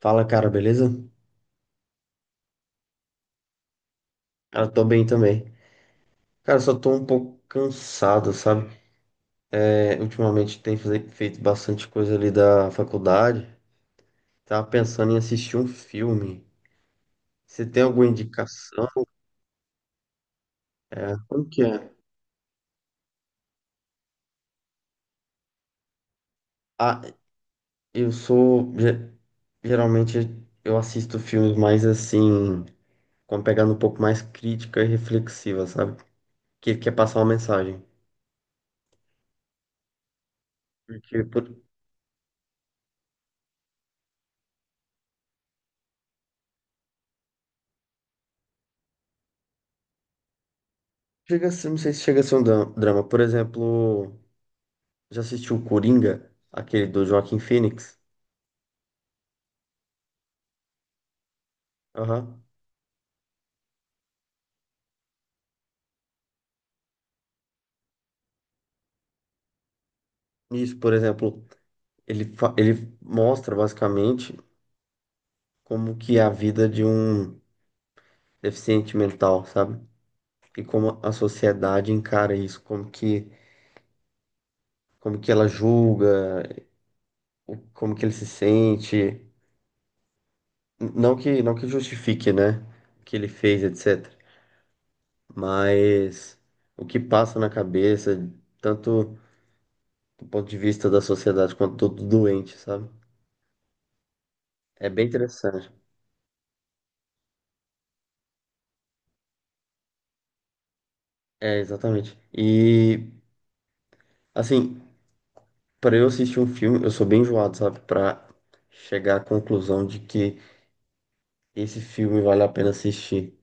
Fala, cara, beleza? Cara, tô bem também. Cara, só tô um pouco cansado, sabe? É, ultimamente tem feito bastante coisa ali da faculdade. Tava pensando em assistir um filme. Você tem alguma indicação? É, como que é? Ah, eu sou. Geralmente eu assisto filmes mais assim, com uma pegada um pouco mais crítica e reflexiva, sabe? Que quer passar uma mensagem. Porque por- Chega a ser- não sei se chega a ser um drama. Por exemplo. Já assistiu o Coringa, aquele do Joaquin Phoenix? Aham. Isso, por exemplo, ele mostra basicamente como que é a vida de um deficiente mental, sabe? E como a sociedade encara isso, como que ela julga, como que ele se sente. Não que, não que justifique, né, o que ele fez, etc. Mas o que passa na cabeça, tanto do ponto de vista da sociedade quanto do doente, sabe? É bem interessante. É, exatamente. E, assim, para eu assistir um filme, eu sou bem enjoado, sabe? Para chegar à conclusão de que esse filme vale a pena assistir.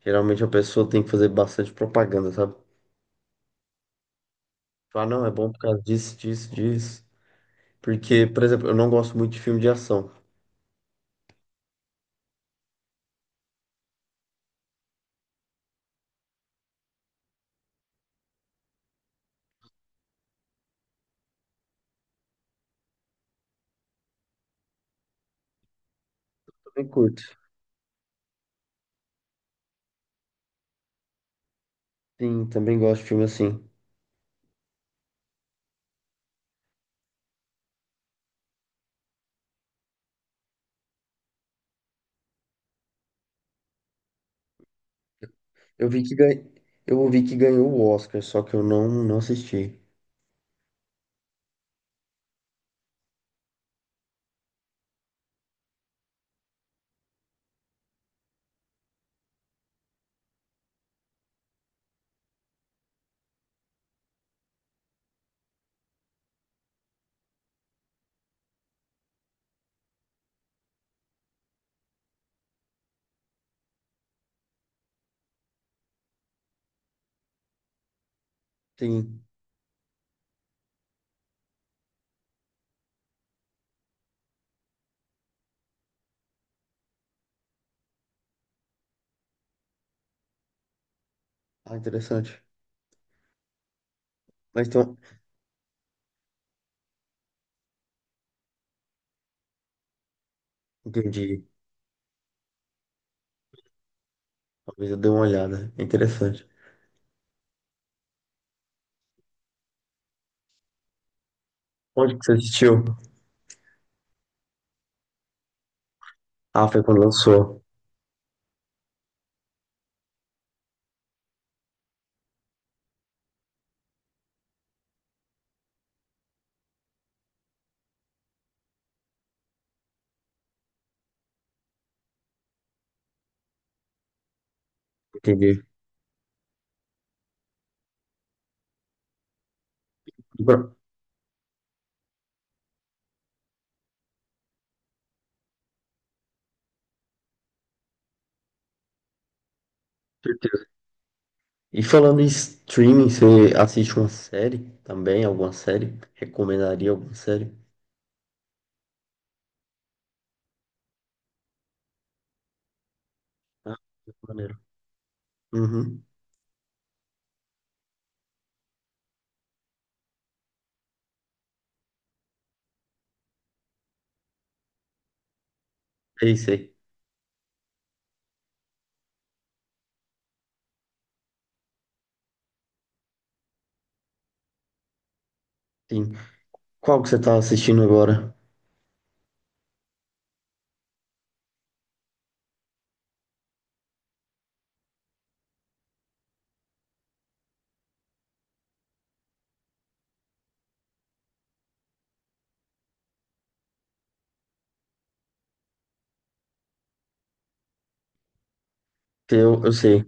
Geralmente a pessoa tem que fazer bastante propaganda, sabe? Falar, não, é bom por causa disso, disso, disso. Porque, por exemplo, eu não gosto muito de filme de ação. Também curto. Sim, também gosto de filme assim. Eu vi que ganha... eu ouvi que ganhou o Oscar, só que eu não, não assisti. Sim. Ah, interessante. Mas então, entendi. Talvez eu dê uma olhada. É interessante. Onde que você assistiu? Ah, foi quando lançou. Entendi. Bro- certeza. E falando em streaming, você assiste uma série também? Alguma série? Recomendaria alguma série? Ah, que maneiro. Uhum. Sei, sei. Sim. Qual que você tá assistindo agora? Que eu sei.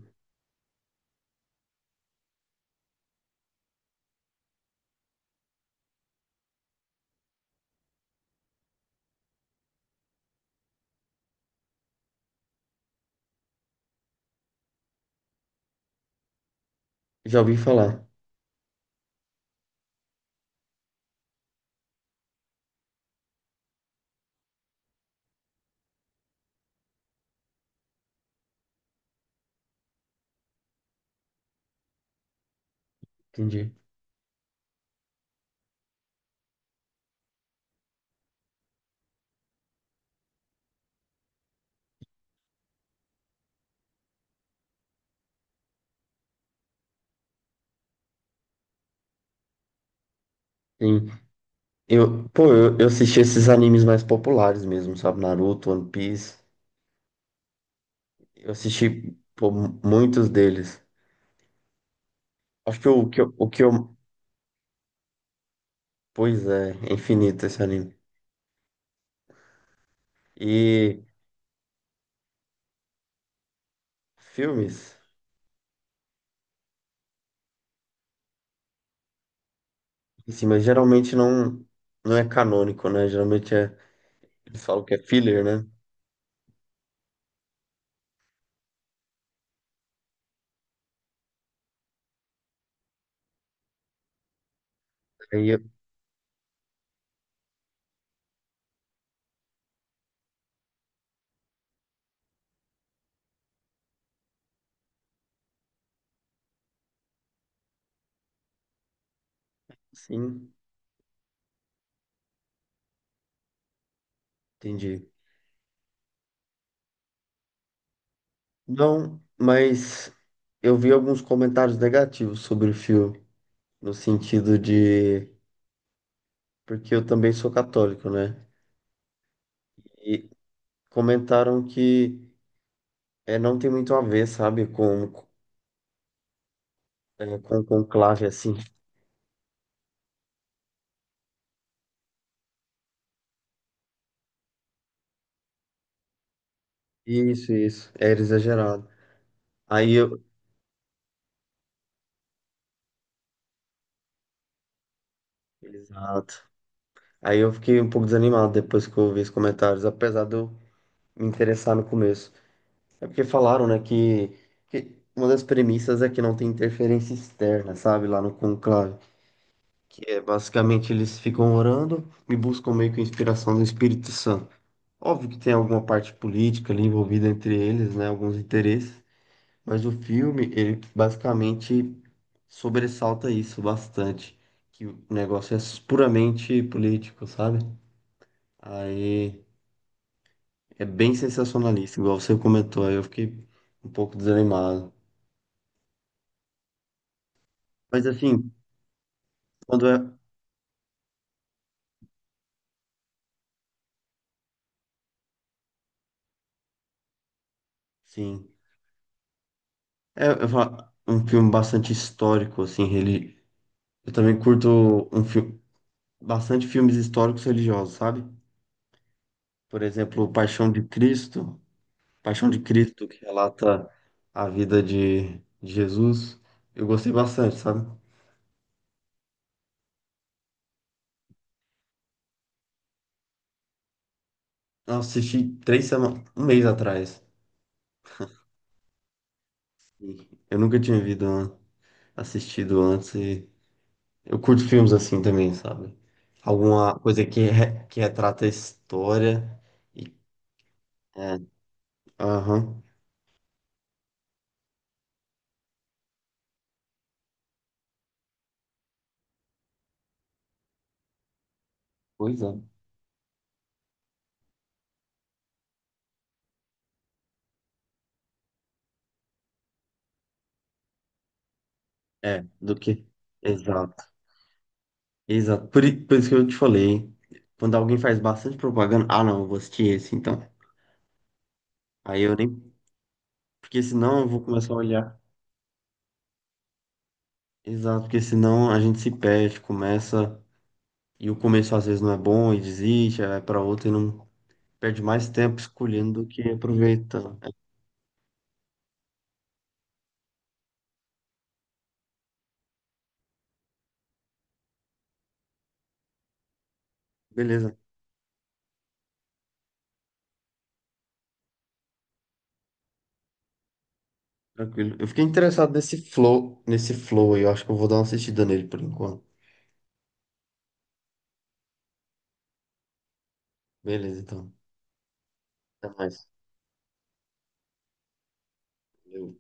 Já ouvi falar. Entendi. Sim. Eu, eu assisti esses animes mais populares mesmo, sabe? Naruto, One Piece. Eu assisti, pô, muitos deles. Acho que o que eu... Pois é, é infinito esse anime. E filmes, assim, mas geralmente não, não é canônico, né? Geralmente é, eles falam que é filler, né? Aí, sim, entendi. Não, mas eu vi alguns comentários negativos sobre o filme, no sentido de, porque eu também sou católico, né? E comentaram que é, não tem muito a ver, sabe, com, é, com conclave, assim. Isso, era exagerado. Aí eu, exato. Aí eu fiquei um pouco desanimado depois que eu vi os comentários, apesar de eu me interessar no começo. É porque falaram, né, que uma das premissas é que não tem interferência externa, sabe, lá no conclave. Que é basicamente eles ficam orando e buscam meio que inspiração do Espírito Santo. Óbvio que tem alguma parte política ali envolvida entre eles, né, alguns interesses, mas o filme, ele basicamente sobressalta isso bastante, que o negócio é puramente político, sabe? Aí. É bem sensacionalista, igual você comentou, aí eu fiquei um pouco desanimado. Mas assim, quando é. Sim. É, eu falo, um filme bastante histórico, assim, reli... eu também curto um filme, bastante filmes históricos religiosos, sabe? Por exemplo, Paixão de Cristo, que relata a vida de Jesus. Eu gostei bastante, sabe? Eu assisti 3 semanas, um mês atrás. E eu nunca tinha vido, assistido antes e eu curto filmes assim também, sabe? Alguma coisa que, que retrata a história. E... É, aham. Pois é. É, do que? Exato, exato. Por, por isso que eu te falei, quando alguém faz bastante propaganda, ah, não, eu vou assistir esse então. Aí eu nem. Porque senão eu vou começar a olhar. Exato, porque senão a gente se perde, começa. E o começo às vezes não é bom e desiste, aí vai pra outro e não perde mais tempo escolhendo do que aproveitando. É, beleza. Tranquilo. Eu fiquei interessado nesse flow aí. Eu acho que eu vou dar uma assistida nele por enquanto. Beleza, então. Até mais. Valeu.